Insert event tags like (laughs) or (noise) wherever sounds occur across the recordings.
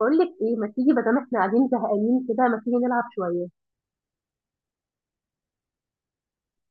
بقول لك ايه، ما تيجي بدل احنا قاعدين زهقانين كده، ما تيجي نلعب شويه.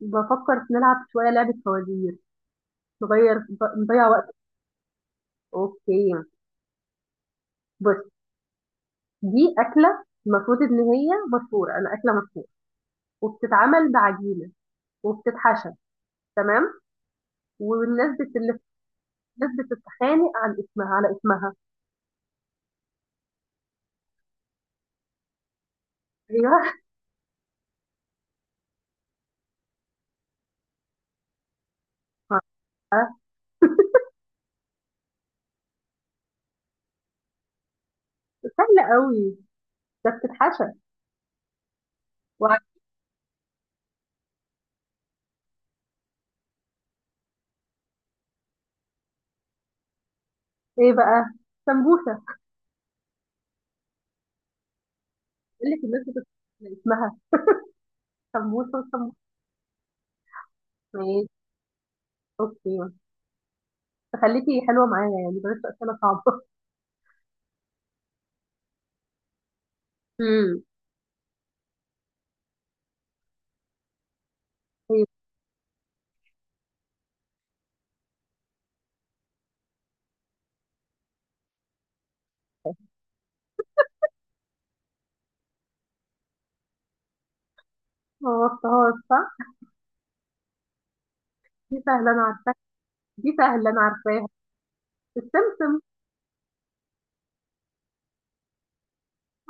بفكر نلعب شويه لعبه فوازير. نغير نضيع وقت. اوكي. بص، دي اكله المفروض ان هي مشهوره، انا اكله مشهوره وبتتعمل بعجينه وبتتحشى، تمام. والناس الناس بتتخانق عن اسمها، على اسمها. ايوه. (laughs) سهله قوي. ده بتتحشى وعلى. ايه بقى؟ سمبوسه. بقول لك الناس بتتخانق على اسمها، سمبوسه وسمبوسه. ماشي. اوكي. تخليكي حلوة معايا يعني، بلاش أسئلة صعبة. امم (laughs) طيب. ما وصفهاش صح. دي سهلة أنا عارفاها. دي سهلة أنا عارفاها. السمسم.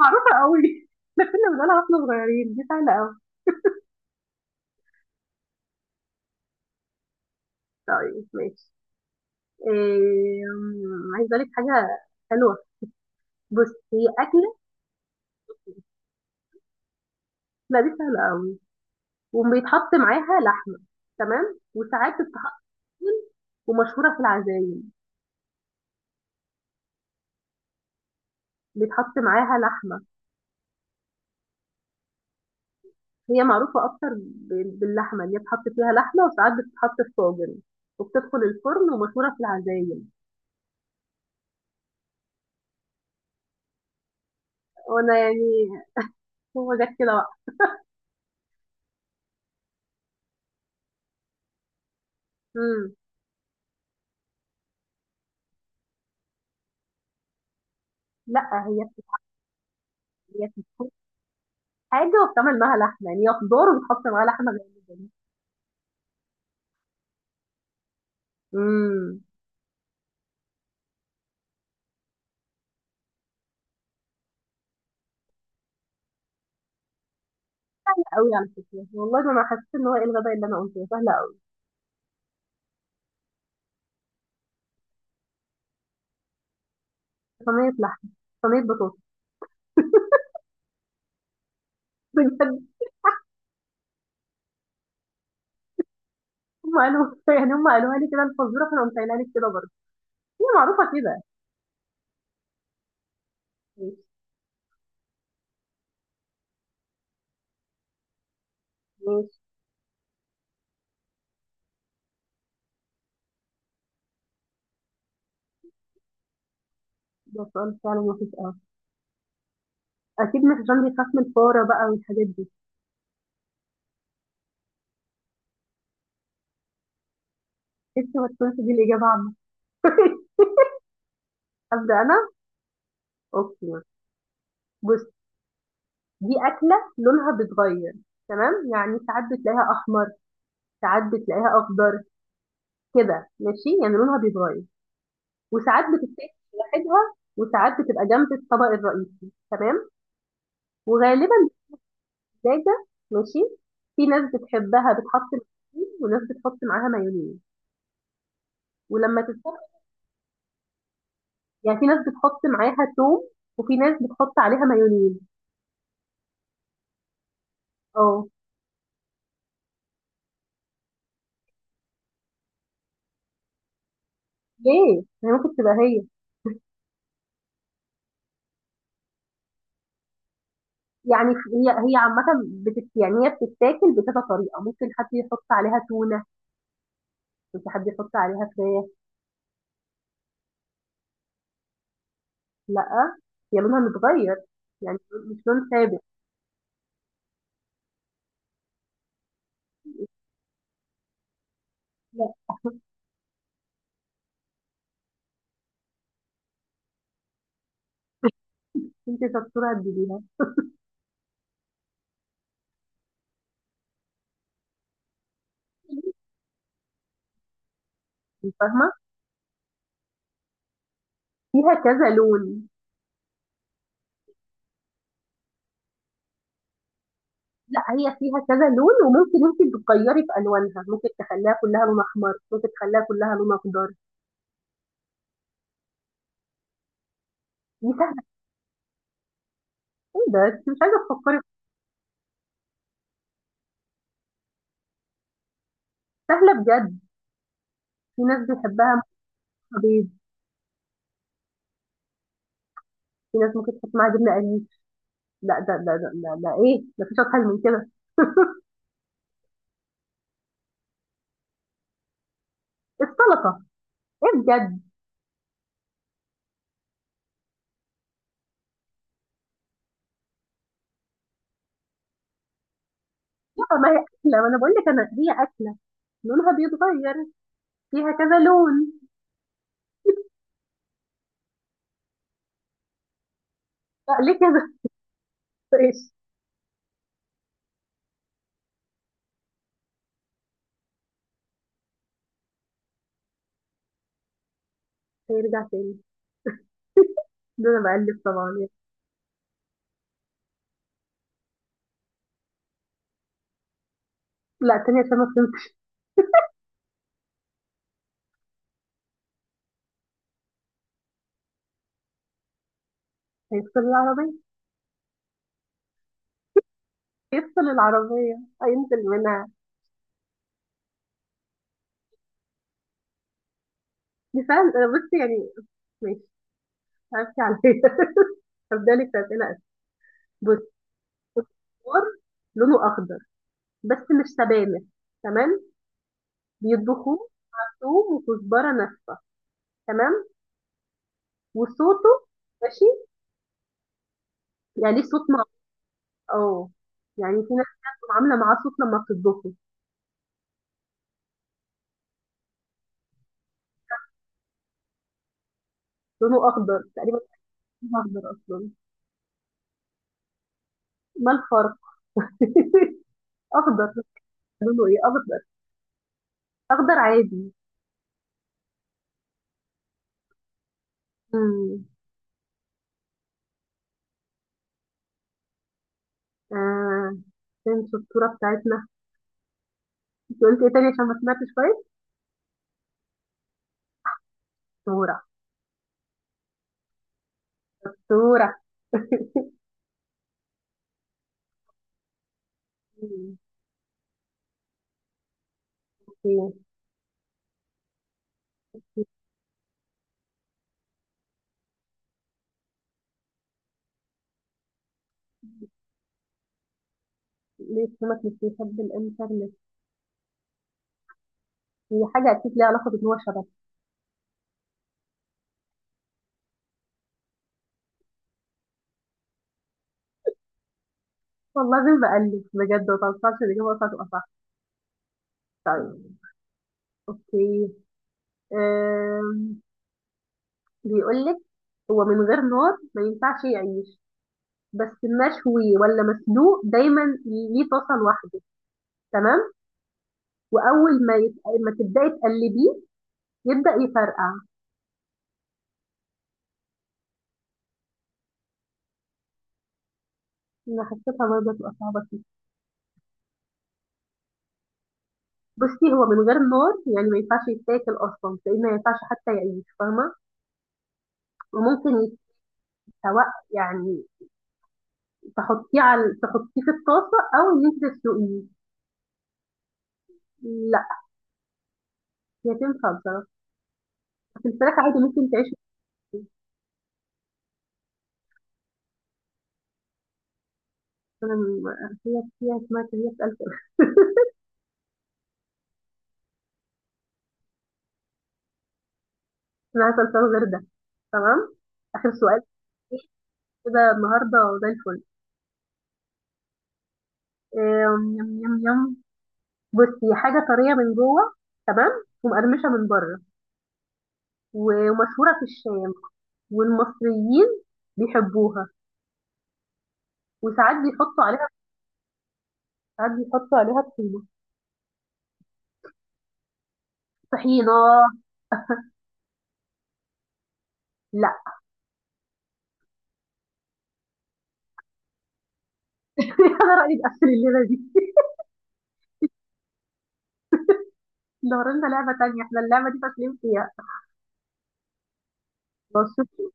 معروفة قوي. (laughs) احنا كنا بنقولها واحنا صغيرين، دي سهلة قوي. طيب ماشي. إيه... أم، عايزة أقول لك حاجة حلوة. بص، هي أكلة. لا، دي سهلة قوي، وبيتحط معاها لحمة، تمام، وساعات بتتحط، ومشهورة في العزايم. بيتحط معاها لحمة. هي معروفة أكتر باللحمة، اللي هي بتحط فيها لحمة، وساعات بتتحط في طاجن وبتدخل الفرن، ومشهورة في العزايم. وأنا يعني هو جت كده بقى. مم. لا، هي بتكون حاجة وبتعمل معاها لحمة، يعني هي خضار وبتحط معاها لحمة غير. امم. قوي على فكرة والله. ده أنا حسيت إن هو إيه الغباء اللي أنا قلته، سهلة قوي. صينية لحمة، صينية بطاطس. (laughs) بجد. هم قالوا، يعني هم قالوها لي كده الفزورة، فأنا قمت قايلها لك كده برضه، هي معروفة كده. ماشي ماشي. ده سؤال فعلا وحش قوي. اكيد مش عشان بيخاف من الفاره بقى والحاجات دي؟ انت ما تكونش دي الاجابه عنه. (laughs) ابدا. انا اوكي. بص، دي اكله لونها بيتغير، تمام، يعني ساعات بتلاقيها احمر، ساعات بتلاقيها اخضر، كده ماشي، يعني لونها بيتغير، وساعات بتتاكل لوحدها، وساعات بتبقى جنب الطبق الرئيسي، تمام، وغالبا دجاجه. ماشي. في ناس بتحبها بتحط معاها طحين، وناس بتحط معاها مايونيز ولما تتسبك. يعني في ناس بتحط معاها توم، وفي ناس بتحط عليها مايونيز. اه. ليه؟ هي ممكن تبقى هي. يعني هي عامة بتت، يعني هي بتتاكل بكذا طريقة، ممكن حد يحط عليها تونة، ممكن حد يحط عليها فراخ. لا، هي لونها متغير، يعني مش لون ثابت. لا. انت شطورة تجيبيها. انت فاهمة. فيها كذا لون. لا، هي فيها كذا لون، وممكن انت تغيري في الوانها، ممكن تخليها كلها لون احمر، ممكن تخليها كلها لون اخضر. دي سهلة. ايه ده، انت مش عايزة تفكري؟ سهلة بجد. في ناس بيحبها مع بيض، في ناس ممكن تحط معاها جبنة قريش. لا، ده ايه، مفيش اسهل من كده. السلطه. ايه بجد. لا، ما هي اكله، ما انا بقول لك انا هي اكله لونها بيتغير، فيها كذا لون. لا، ليه كده؟ (laughs) ايش. هيرجع تاني؟ ده انا بقلب طبعا. لا، تاني عشان ما فهمتش. هيفصل العربيه. يفصل العربيه، هينزل منها. دي فعلا أنا، بص يعني، ماشي، هبكي عليها. (laughs) هبدا لك اسئله أسهل. بص، فور، لونه اخضر بس مش سبانخ، تمام، بيطبخوه ثوم وكزبره ناشفه، تمام، وصوته، ماشي، يعني ليه صوت مع. اه، يعني في ناس كده بتبقى عامله معاه صوت لما بتطبخه. لونه اخضر تقريبا. لونه اخضر اصلا. ما الفرق؟ (laughs) اخضر. لونه ايه؟ اخضر. اخضر عادي. امم آه. فين الصورة بتاعتنا؟ انت قلت ايه تاني عشان ما سمعتش كويس؟ صورة. صورة. مم. اوكي. ليه السمك مش بيحب الانترنت؟ هي حاجة اكيد ليها علاقة بان هو شبك. والله زي ما بقلب بجد، ما توصلش الاجابة تبقى صح. طيب. اوكي. آم، بيقول لك هو من غير نار ما ينفعش يعيش، بس مشوي ولا مسلوق دايما، ليه طاسه لوحده، تمام، واول ما يت... ما تبداي تقلبيه يبدا يفرقع. انا حسيتها برضه تبقى صعبه فيه. بصي، هو من غير نار يعني ما ينفعش يتاكل اصلا، لان ما ينفعش حتى يعيش، فاهمه؟ وممكن يتسوى، يعني تحطيه على، تحطيه في الطاسه او ان انت تسلقيه. لا، هي تنفع بصراحه، بس الفراخ عادي ممكن تعيش. انا م- هي، هي اسمها، هي بتقلق. انا عايزه الفراخ غير ده، تمام. آخر سؤال. كده النهاردة زي الفل. يم يم يم. بصي، حاجة طرية من جوه، تمام، ومقرمشة من بره، ومشهورة في الشام، والمصريين بيحبوها، وساعات بيحطوا عليها، ساعات بيحطوا عليها طحينة. طحينة. لا. (laughs) أنا رأيي نقفل الليلة دي. (laughs) لو لنا لعبة تانية، احنا اللعبة دي فاشلين فيها.